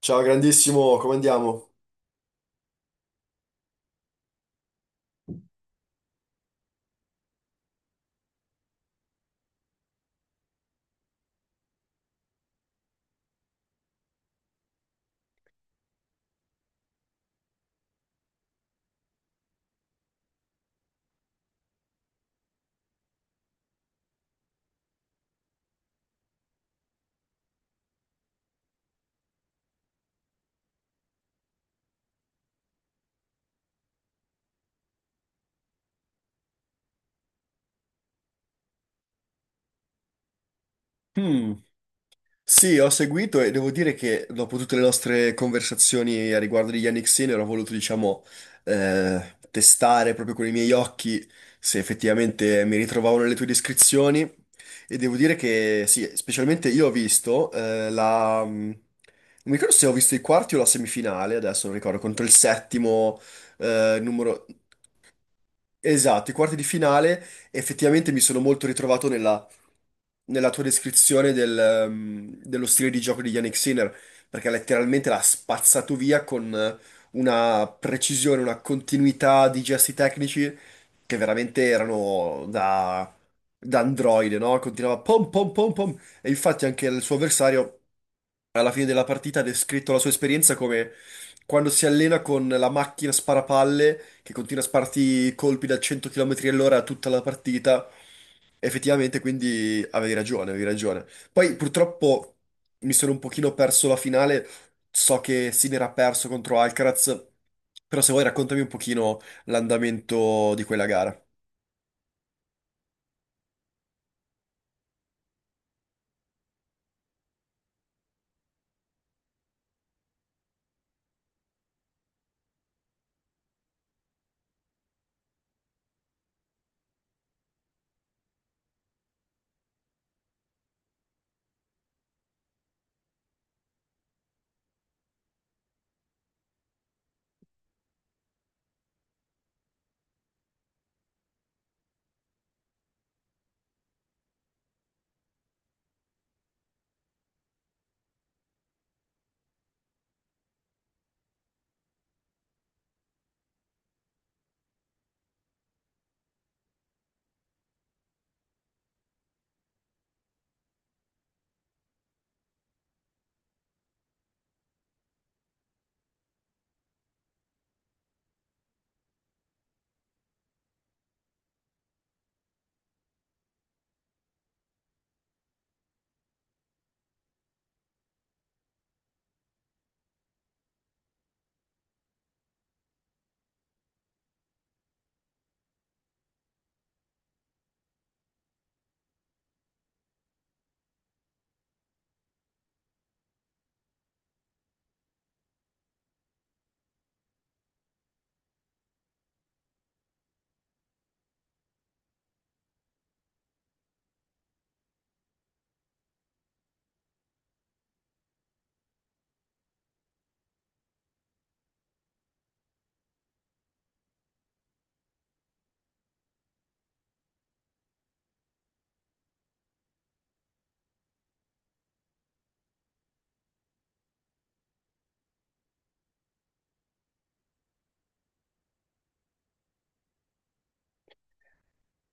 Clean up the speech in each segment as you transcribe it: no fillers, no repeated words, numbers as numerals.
Ciao grandissimo, come andiamo? Hmm. Sì, ho seguito e devo dire che dopo tutte le nostre conversazioni a riguardo di Yannick Sinner ho voluto, diciamo, testare proprio con i miei occhi se effettivamente mi ritrovavo nelle tue descrizioni e devo dire che sì, specialmente io ho visto. Non mi ricordo se ho visto i quarti o la semifinale, adesso non ricordo, contro il settimo eh, numero... Esatto, i quarti di finale effettivamente mi sono molto ritrovato nella tua descrizione dello stile di gioco di Yannick Sinner, perché letteralmente l'ha spazzato via con una precisione, una continuità di gesti tecnici che veramente erano da androide, no? Continuava pom pom pom pom, e infatti anche il suo avversario alla fine della partita ha descritto la sua esperienza come quando si allena con la macchina sparapalle che continua a sparti colpi da 100 km all'ora tutta la partita. Effettivamente, quindi avevi ragione, avevi ragione. Poi purtroppo mi sono un pochino perso la finale, so che si era perso contro Alcaraz, però se vuoi raccontami un pochino l'andamento di quella gara.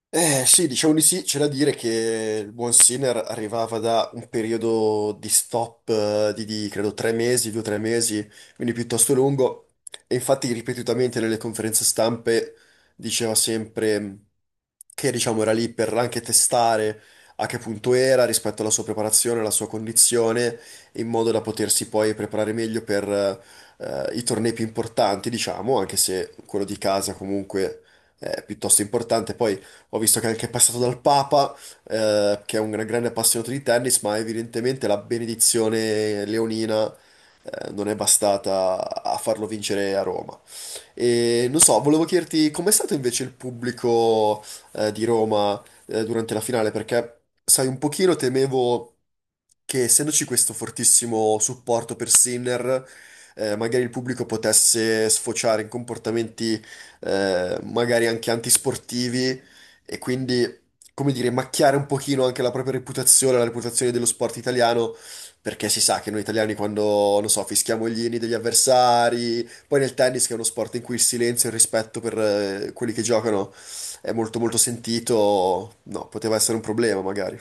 Eh sì, diciamo di sì, c'è da dire che il buon Sinner arrivava da un periodo di stop di, credo tre mesi, due o tre mesi, quindi piuttosto lungo, e infatti ripetutamente nelle conferenze stampe diceva sempre che diciamo era lì per anche testare a che punto era rispetto alla sua preparazione, alla sua condizione, in modo da potersi poi preparare meglio per i tornei più importanti, diciamo, anche se quello di casa comunque è piuttosto importante. Poi ho visto che è anche passato dal Papa, che è un grande appassionato di tennis, ma evidentemente la benedizione leonina, non è bastata a farlo vincere a Roma. E non so, volevo chiederti com'è stato invece il pubblico di Roma durante la finale, perché sai, un pochino temevo che essendoci questo fortissimo supporto per Sinner, magari il pubblico potesse sfociare in comportamenti magari anche antisportivi e quindi, come dire, macchiare un pochino anche la propria reputazione, la reputazione dello sport italiano, perché si sa che noi italiani quando, non so, fischiamo gli inni degli avversari poi nel tennis, che è uno sport in cui il silenzio e il rispetto per quelli che giocano è molto molto sentito, no, poteva essere un problema magari.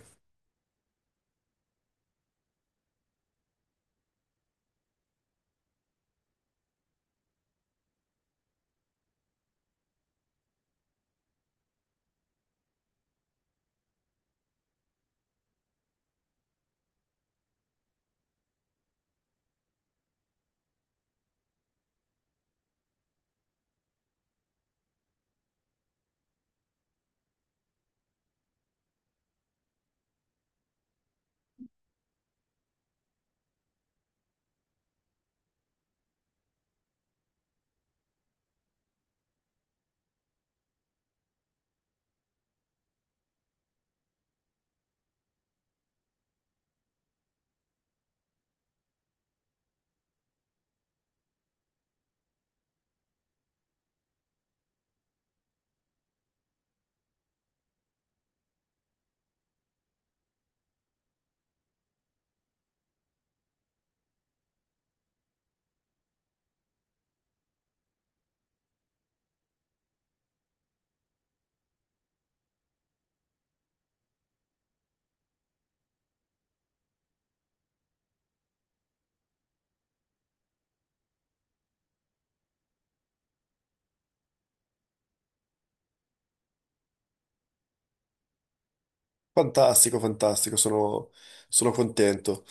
Fantastico, fantastico, sono contento.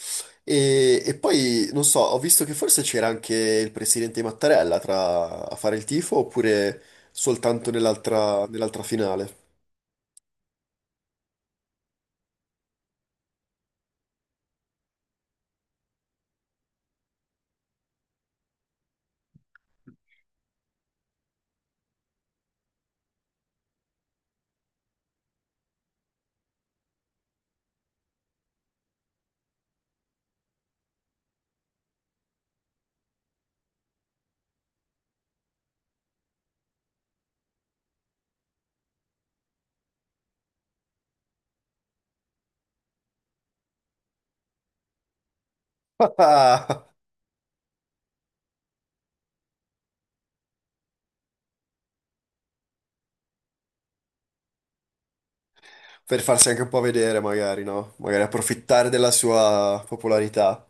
E poi, non so, ho visto che forse c'era anche il presidente Mattarella a fare il tifo oppure soltanto nell'altra finale. Per farsi anche un po' vedere magari, no? Magari approfittare della sua popolarità.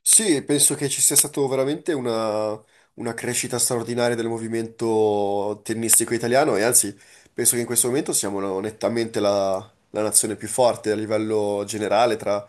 Sì, penso che ci sia stata veramente una crescita straordinaria del movimento tennistico italiano e anzi penso che in questo momento siamo nettamente la, la nazione più forte a livello generale tra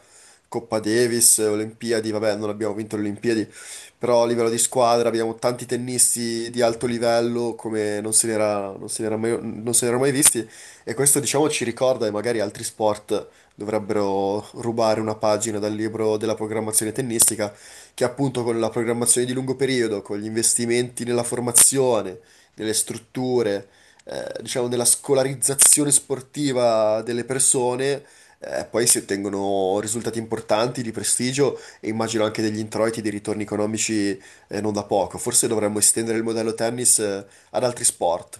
Coppa Davis, Olimpiadi, vabbè non abbiamo vinto le Olimpiadi, però a livello di squadra abbiamo tanti tennisti di alto livello come non se n'era mai visti e questo diciamo ci ricorda e magari altri sport dovrebbero rubare una pagina dal libro della programmazione tennistica, che appunto con la programmazione di lungo periodo, con gli investimenti nella formazione, nelle strutture, diciamo nella scolarizzazione sportiva delle persone, poi si ottengono risultati importanti di prestigio e immagino anche degli introiti, dei ritorni economici, non da poco. Forse dovremmo estendere il modello tennis, ad altri sport.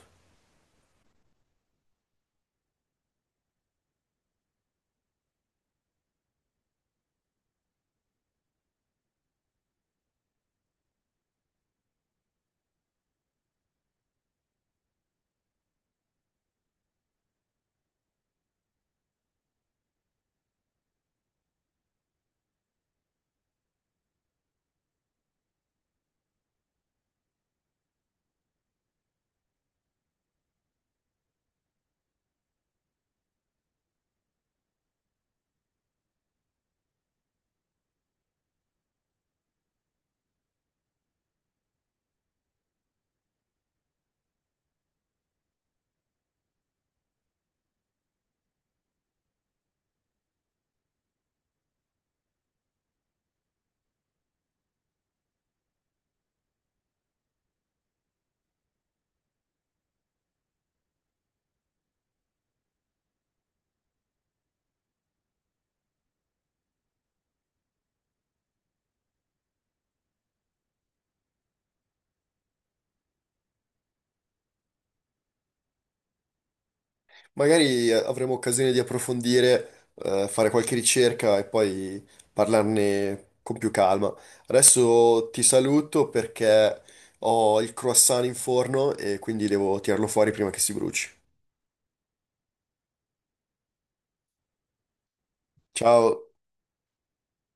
Magari avremo occasione di approfondire, fare qualche ricerca e poi parlarne con più calma. Adesso ti saluto perché ho il croissant in forno e quindi devo tirarlo fuori prima che si bruci. Ciao!